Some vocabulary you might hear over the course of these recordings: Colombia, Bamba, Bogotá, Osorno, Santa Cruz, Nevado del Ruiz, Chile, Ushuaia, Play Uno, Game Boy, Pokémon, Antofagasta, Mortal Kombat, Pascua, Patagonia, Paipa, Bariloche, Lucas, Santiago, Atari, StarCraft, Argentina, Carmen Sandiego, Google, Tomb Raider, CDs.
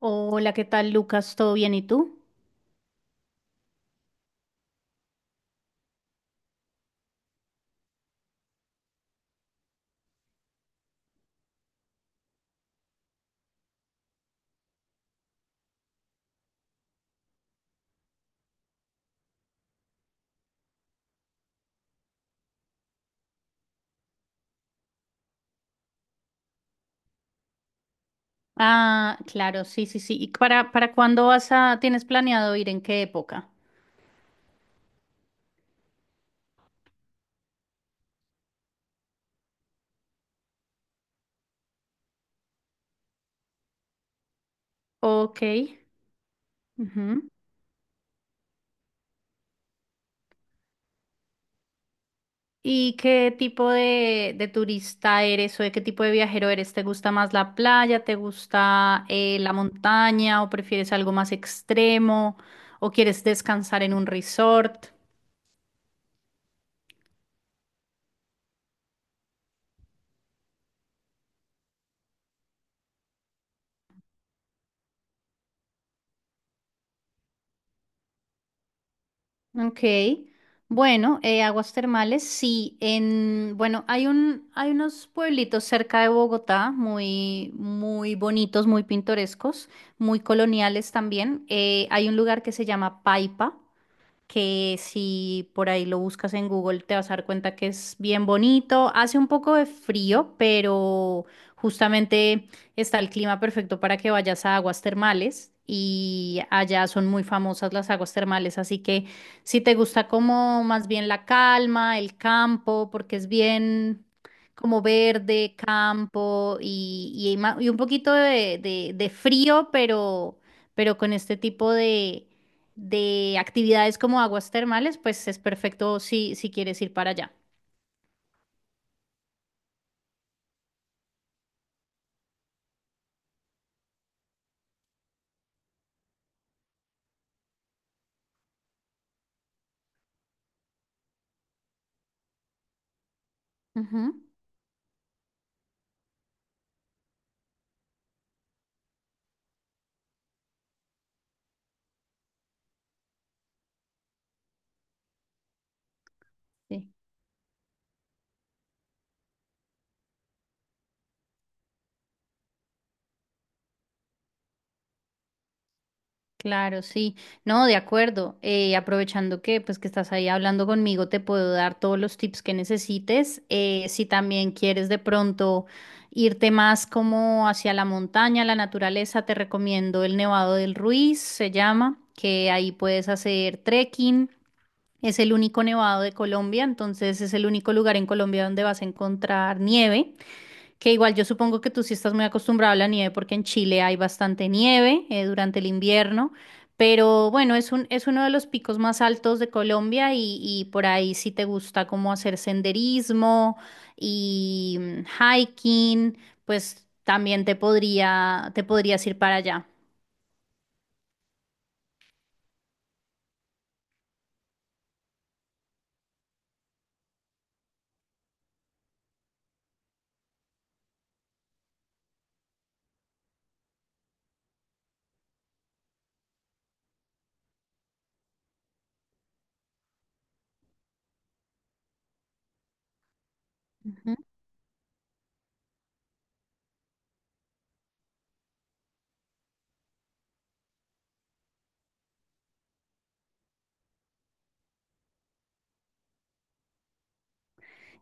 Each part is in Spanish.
Hola, ¿qué tal, Lucas? ¿Todo bien? ¿Y tú? Ah, claro, sí, sí, sí. ¿Y para cuándo vas a, tienes planeado ir? ¿En qué época? Ok. Ujú. ¿Y qué tipo de turista eres o de qué tipo de viajero eres? ¿Te gusta más la playa? ¿Te gusta la montaña? ¿O prefieres algo más extremo? ¿O quieres descansar en un resort? Ok, bueno, aguas termales, sí, en, bueno, hay un, hay unos pueblitos cerca de Bogotá muy, muy bonitos, muy pintorescos, muy coloniales también. Hay un lugar que se llama Paipa que si por ahí lo buscas en Google te vas a dar cuenta que es bien bonito. Hace un poco de frío, pero justamente está el clima perfecto para que vayas a aguas termales y allá son muy famosas las aguas termales, así que si te gusta como más bien la calma, el campo, porque es bien como verde, campo y, y un poquito de, de frío, pero con este tipo de actividades como aguas termales, pues es perfecto si, si quieres ir para allá. Ujú. Sí, claro, sí. No, de acuerdo. Aprovechando que pues que estás ahí hablando conmigo, te puedo dar todos los tips que necesites. Si también quieres de pronto irte más como hacia la montaña, la naturaleza, te recomiendo el Nevado del Ruiz, se llama, que ahí puedes hacer trekking. Es el único nevado de Colombia, entonces es el único lugar en Colombia donde vas a encontrar nieve. Que igual yo supongo que tú sí estás muy acostumbrado a la nieve porque en Chile hay bastante nieve durante el invierno, pero bueno, es un, es uno de los picos más altos de Colombia y por ahí sí te gusta como hacer senderismo y hiking, pues también te podría, te podrías ir para allá.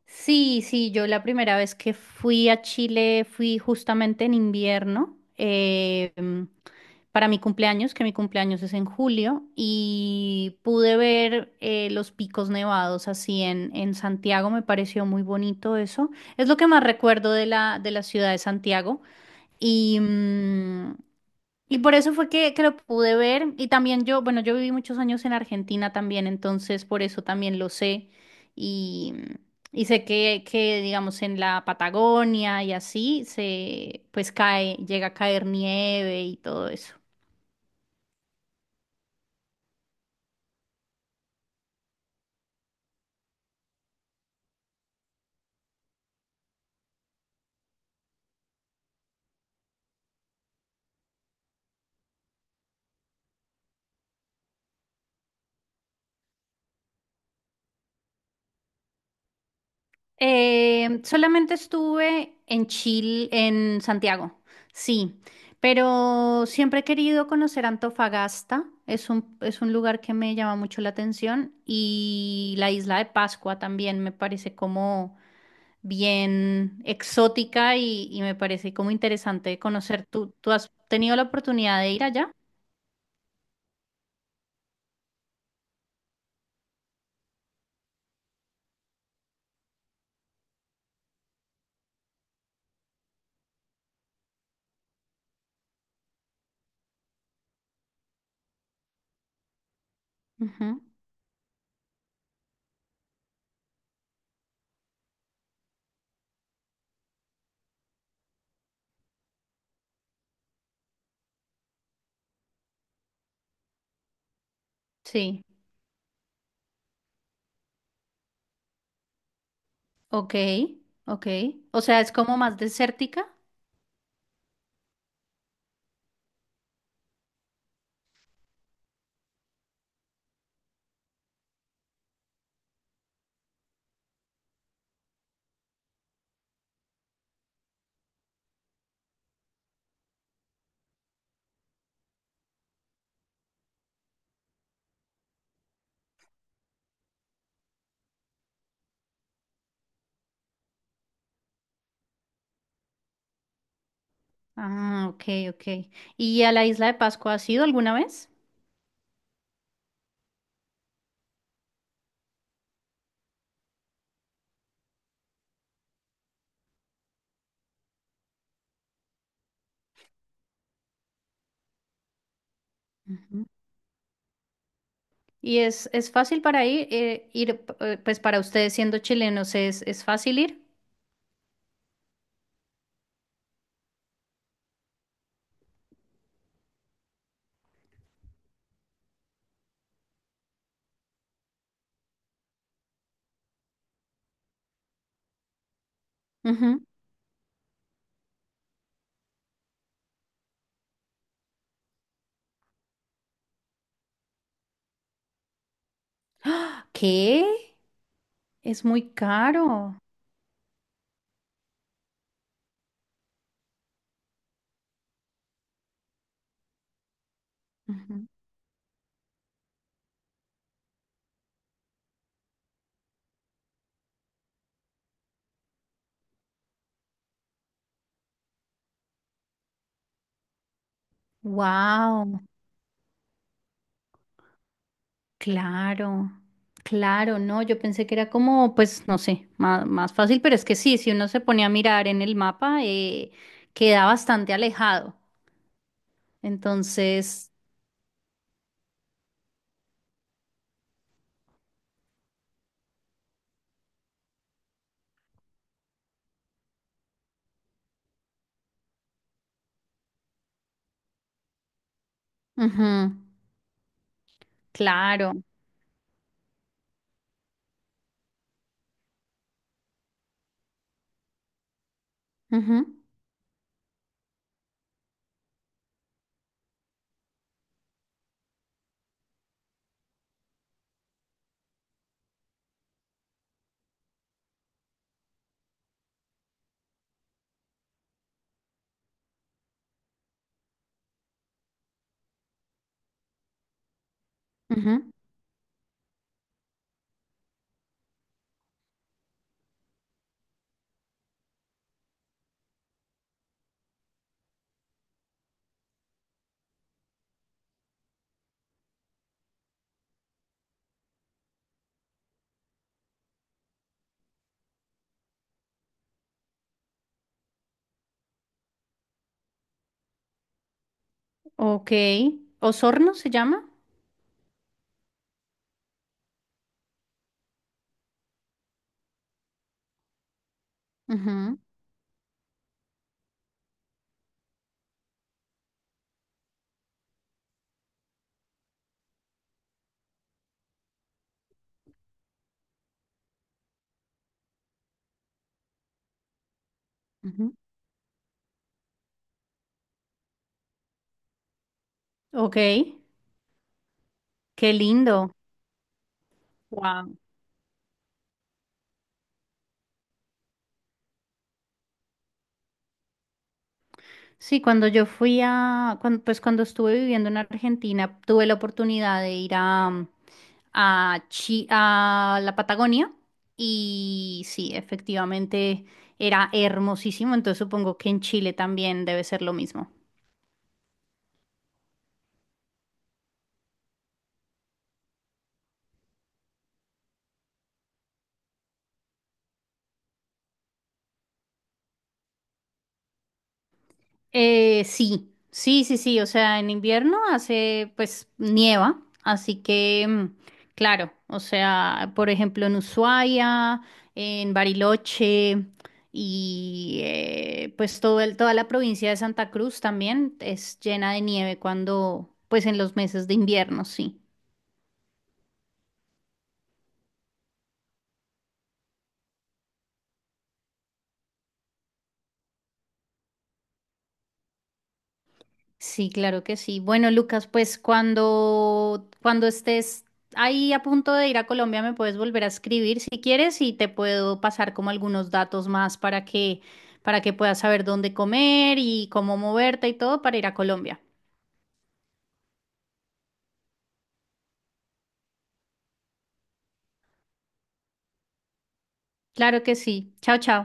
Sí, sí, yo la primera vez que fui a Chile fui justamente en invierno, para mi cumpleaños, que mi cumpleaños es en julio, y pude ver los picos nevados así en Santiago, me pareció muy bonito eso. Es lo que más recuerdo de la ciudad de Santiago. Y, y por eso fue que lo pude ver. Y también yo, bueno, yo viví muchos años en Argentina también, entonces por eso también lo sé. Y, y sé que, digamos, en la Patagonia y así se, pues cae, llega a caer nieve y todo eso. Solamente estuve en Chile, en Santiago, sí, pero siempre he querido conocer Antofagasta, es un lugar que me llama mucho la atención y la isla de Pascua también me parece como bien exótica y me parece como interesante conocer. ¿Tú, tú has tenido la oportunidad de ir allá? Ujú. Sí, ok, ok. O sea, es como más desértica. Ah, ok, ok. ¿Y a la isla de Pascua has ido alguna vez? Ujú. ¿Y es fácil para ir, ir, pues para ustedes siendo chilenos, es fácil ir? Ujú. ¿Qué? Es muy caro. Wow, claro, claro, no, yo pensé que era como, pues, no sé, más, más fácil, pero es que sí, si uno se ponía a mirar en el mapa, queda bastante alejado. Entonces, ujú, claro. Ujú, ujú. Ok. ¿Osorno se llama? Ujú, ujú. Ok. Qué lindo. Wow. Sí, cuando yo fui a, pues cuando estuve viviendo en Argentina, tuve la oportunidad de ir a, a, a la Patagonia y sí, efectivamente era hermosísimo, entonces supongo que en Chile también debe ser lo mismo. Sí, sí, sí, sí, o sea, en invierno hace, pues, nieva, así que, claro, o sea, por ejemplo, en Ushuaia, en Bariloche y pues toda la provincia de Santa Cruz también es llena de nieve cuando, pues, en los meses de invierno, sí. Sí, claro que sí. Bueno, Lucas, pues cuando, cuando estés ahí a punto de ir a Colombia, me puedes volver a escribir si quieres y te puedo pasar como algunos datos más para que puedas saber dónde comer y cómo moverte y todo para ir a Colombia. Claro que sí. Chao, chao.